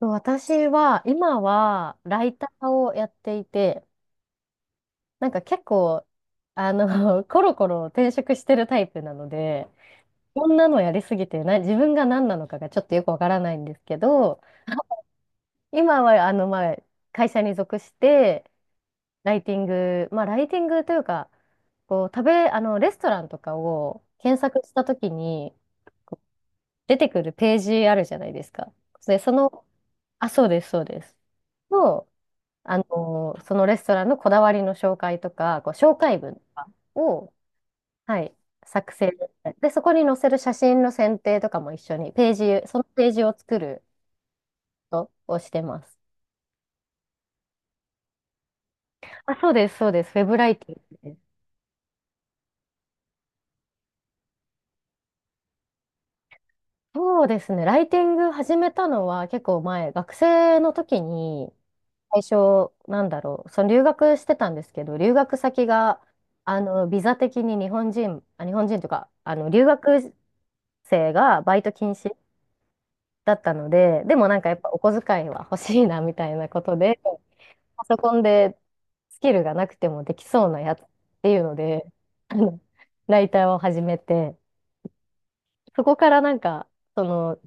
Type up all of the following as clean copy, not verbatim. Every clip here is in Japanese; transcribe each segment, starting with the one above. そう、私は今はライターをやっていて、なんか結構、コロコロ転職してるタイプなので、こんなのやりすぎてな、自分が何なのかがちょっとよくわからないんですけど、今は、まあ、会社に属して、ライティング、まあ、ライティングというか、こう、食べ、あの、レストランとかを検索したときに出てくるページあるじゃないですか。で、その、あ、そうです、そうです。のそのレストランのこだわりの紹介とか、こう紹介文とかを、はい、作成で、そこに載せる写真の選定とかも一緒に、ページ、そのページを作ることをしてます。あ、そうです、そうです。ウェブライティングです。そうですね。ライティング始めたのは結構前、学生の時に、最初、なんだろう、その留学してたんですけど、留学先が、ビザ的に日本人、あ、日本人というか、留学生がバイト禁止だったので、でもなんかやっぱお小遣いは欲しいなみたいなことで、パソコンでスキルがなくてもできそうなやつっていうので、あの、ライターを始めて、そこからなんか、その、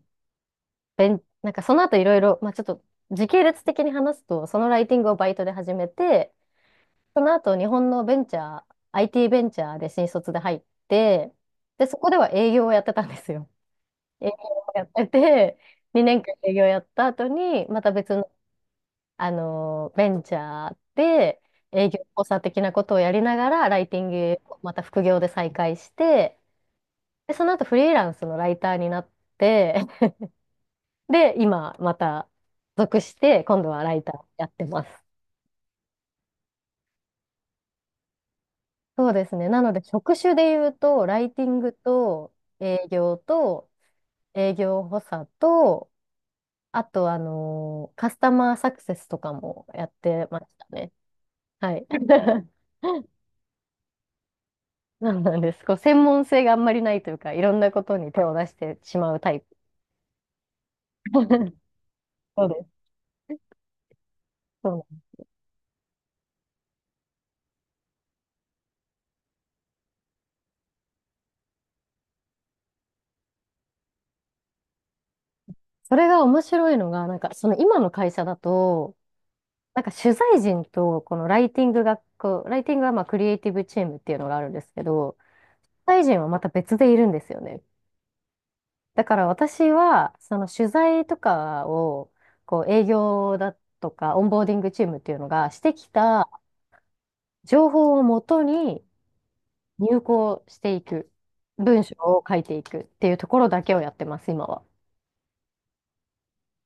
なんかその後いろいろ、まあちょっと時系列的に話すと、そのライティングをバイトで始めて、その後日本のベンチャー、IT ベンチャーで新卒で入って、で、そこでは営業をやってたんですよ。営業をやってて、2年間営業やった後に、また別のベンチャーで営業補佐的なことをやりながら、ライティングをまた副業で再開して、で、その後フリーランスのライターになって、で、今また属して、今度はライターやってます。そうですね。なので、職種で言うと、ライティングと営業と営業補佐と、あと、あのカスタマーサクセスとかもやってましたね。はい。そうなんです。こう、専門性があんまりないというか、いろんなことに手を出してしまうタイプ。そうです。そうなんです。それが面白いのが、なんか、その今の会社だと、なんか取材陣と、このライティングが、こう、ライティングはまあ、クリエイティブチームっていうのがあるんですけど、取材陣はまた別でいるんですよね。だから私は、その取材とかを、こう、営業だとか、オンボーディングチームっていうのがしてきた情報をもとに、入稿していく、文章を書いていくっていうところだけをやってます、今は。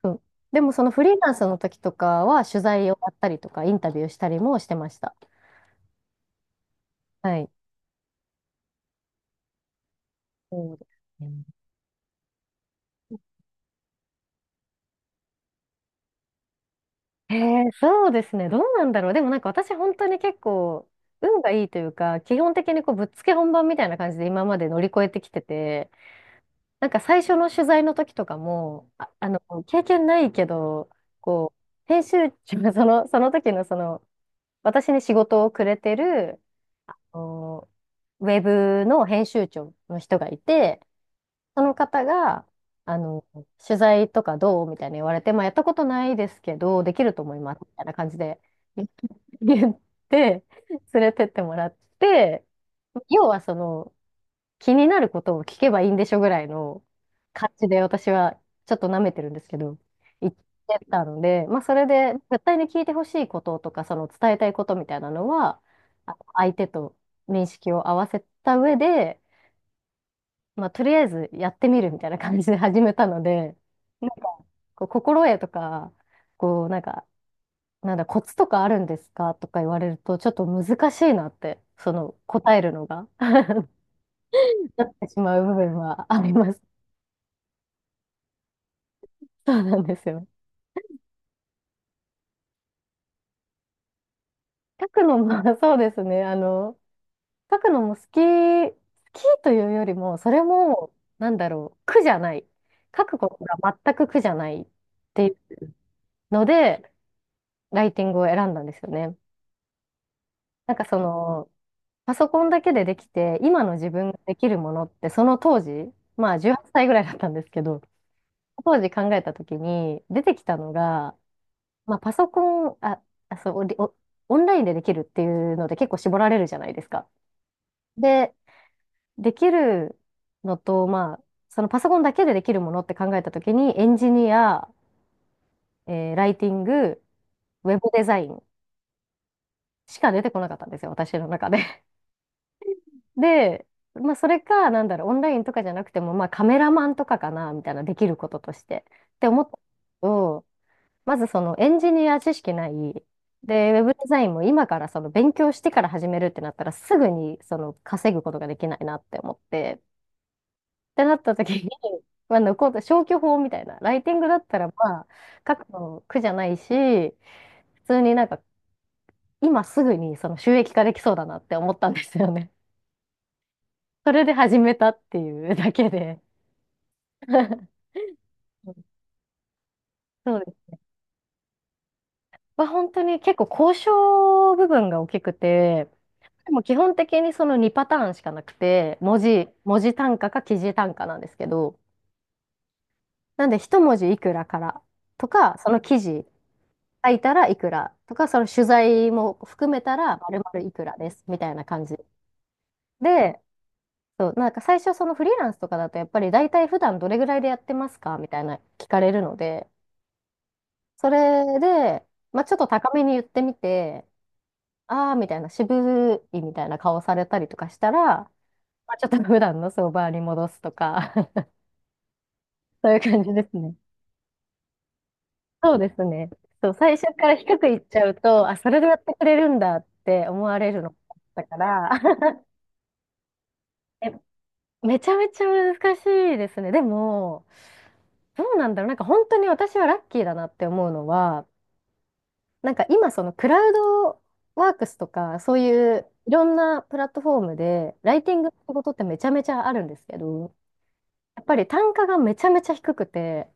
うん。でもそのフリーランスの時とかは取材をやったりとかインタビューしたりもしてました。はい。そうですね。そうですね。どうなんだろう。でもなんか私本当に結構運がいいというか、基本的にこうぶっつけ本番みたいな感じで今まで乗り越えてきてて、なんか最初の取材の時とかも、経験ないけど、こう、編集長、その、その時のその、私に仕事をくれてる、おウェブの編集長の人がいて、その方が、あの、取材とかどうみたいに言われて、まあ、やったことないですけど、できると思います、みたいな感じで 言って、連れてってもらって、要はその、気になることを聞けばいいんでしょぐらいの感じで私はちょっと舐めてるんですけど、言ってたので、まあそれで絶対に聞いてほしいこととか、その伝えたいことみたいなのは、あの相手と認識を合わせた上で、まあとりあえずやってみるみたいな感じで始めたので、なんかこう心得とか、こうなんか、なんだ、コツとかあるんですかとか言われると、ちょっと難しいなって、その答えるのが なってしまう部分はあります。そうなんですよ。書くのも、そうですね。書くのも好き、好きというよりも、それも、なんだろう、苦じゃない。書くことが全く苦じゃないっていうので、ライティングを選んだんですよね。なんかその、パソコンだけでできて、今の自分ができるものって、その当時、まあ18歳ぐらいだったんですけど、当時考えた時に出てきたのが、まあパソコン、あ、あそう、お、オンラインでできるっていうので結構絞られるじゃないですか。で、できるのと、まあ、そのパソコンだけでできるものって考えたときに、エンジニア、ライティング、ウェブデザインしか出てこなかったんですよ、私の中で。で、まあ、それか、なんだろう、オンラインとかじゃなくても、まあ、カメラマンとかかな、みたいな、できることとして。って思ったんですけど、まずそのエンジニア知識ない、で、ウェブデザインも今からその勉強してから始めるってなったら、すぐにその稼ぐことができないなって思って。ってなった時に、まあ、残った消去法みたいな、ライティングだったら、まあ、書くの苦じゃないし、普通になんか、今すぐにその収益化できそうだなって思ったんですよね。それで始めたっていうだけで。そうです。まあ、本当に結構交渉部分が大きくて、でも基本的にその2パターンしかなくて、文字、文字単価か記事単価なんですけど、なんで一文字いくらからとか、その記事書いたらいくらとか、その取材も含めたら丸々いくらですみたいな感じで、そう、なんか最初そのフリーランスとかだとやっぱり大体普段どれぐらいでやってますかみたいな聞かれるので、それで、まあ、ちょっと高めに言ってみて、ああみたいな渋いみたいな顔されたりとかしたら、まあ、ちょっと普段の相場に戻すとか そういう感じですね。そうですね。そう、最初から低くいっちゃうと、あ、それでやってくれるんだって思われるのだったから、めちゃめちゃ難しいですね。でも、どうなんだろう。なんか本当に私はラッキーだなって思うのは、なんか今そのクラウドワークスとか、そういういろんなプラットフォームで、ライティングの仕事ってめちゃめちゃあるんですけど、やっぱり単価がめちゃめちゃ低くて、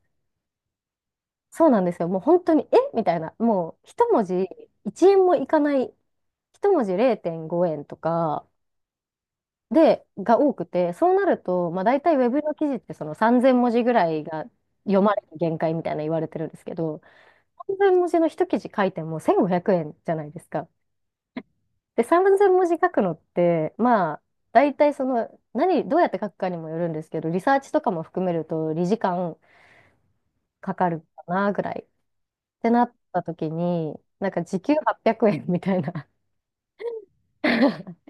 そうなんですよ。もう本当に、えみたいな、もう一文字1円もいかない、一文字0.5円とか、で、が多くて、そうなると、まあ、大体ウェブの記事ってその3000文字ぐらいが読まれる限界みたいな言われてるんですけど、3000文字の一記事書いても1500円じゃないですか。で、3000文字書くのって、まあ、大体どうやって書くかにもよるんですけど、リサーチとかも含めると、理時間かかるかなぐらいってなった時に、なんか時給800円みたいな。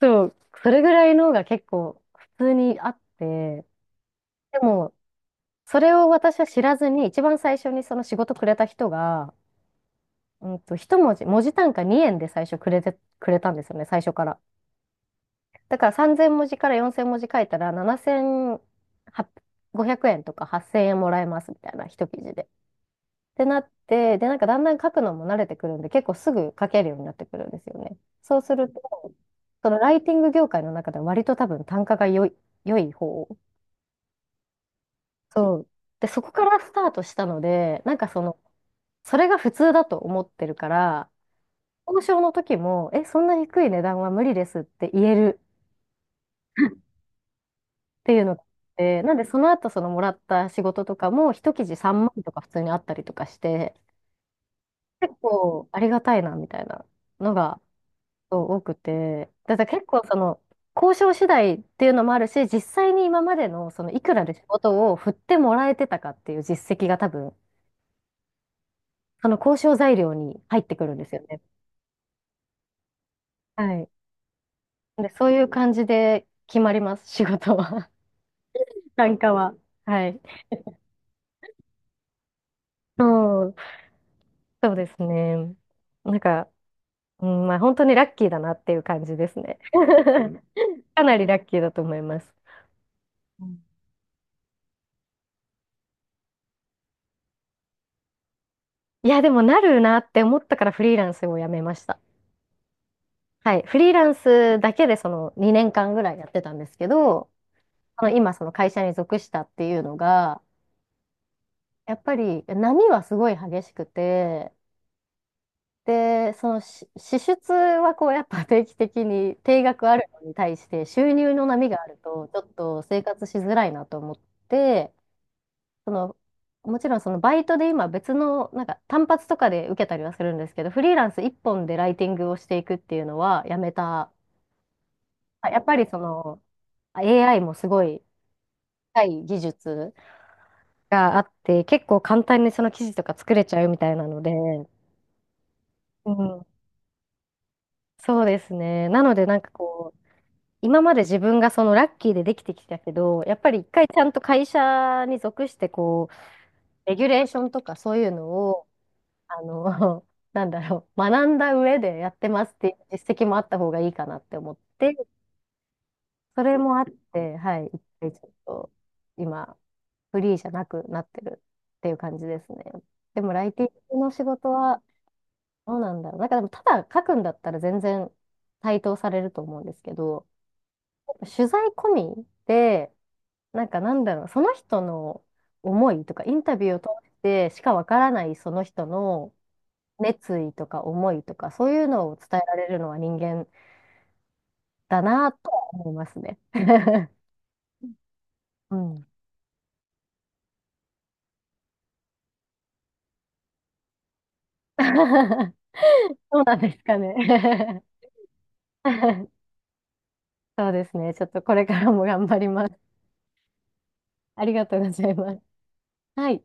そう、それぐらいのが結構普通にあって、でも、それを私は知らずに、一番最初にその仕事くれた人が、うんと、一文字、文字単価2円で最初くれたんですよね、最初から。だから3000文字から4000文字書いたら、7500円とか8000円もらえますみたいな、一記事で。ってなって、で、なんかだんだん書くのも慣れてくるんで、結構すぐ書けるようになってくるんですよね。そうすると、そのライティング業界の中では割と多分単価が良い方。そう。で、そこからスタートしたので、なんかその、それが普通だと思ってるから、交渉の時も、そんな低い値段は無理ですって言えるっていうのがあって、なんでその後そのもらった仕事とかも、一記事3万とか普通にあったりとかして、結構ありがたいなみたいなのがそう多くて、だから結構その、交渉次第っていうのもあるし、実際に今までのそのいくらで仕事を振ってもらえてたかっていう実績が多分あの、交渉材料に入ってくるんですよね。はい。で、そういう感じで決まります、仕事は。単価は。はい。そうん、そうですね。なんか、うん、まあ、本当にラッキーだなっていう感じですね。かなりラッキーだと思います。うん。いや、でもなるなって思ったからフリーランスをやめました。はい。フリーランスだけでその2年間ぐらいやってたんですけど、まあの今その会社に属したっていうのが、やっぱり波はすごい激しくて、で、その支出はこうやっぱ定期的に定額あるのに対して収入の波があるとちょっと生活しづらいなと思って、そのもちろんそのバイトで今別のなんか単発とかで受けたりはするんですけど、フリーランス一本でライティングをしていくっていうのはやめた。あやっぱりその AI もすごい高い技術があって結構簡単にその記事とか作れちゃうみたいなので、うん、そうですね。なのでなんかこう今まで自分がそのラッキーでできてきたけど、やっぱり一回ちゃんと会社に属して、こう、レギュレーションとかそういうのを、あの、なんだろう、学んだ上でやってますっていう実績もあった方がいいかなって思って、それもあって、はい、一回ちょっと、今、フリーじゃなくなってるっていう感じですね。でも、ライティングの仕事は、どうなんだろう。なんかでも、ただ書くんだったら全然対等されると思うんですけど、取材込みで、なんかなんだろう、その人の思いとか、インタビューを通してしかわからないその人の熱意とか思いとか、そういうのを伝えられるのは人間だなとは思いますね。うん。そうなんですかね。そうですね。ちょっとこれからも頑張ります。ありがとうございます。はい。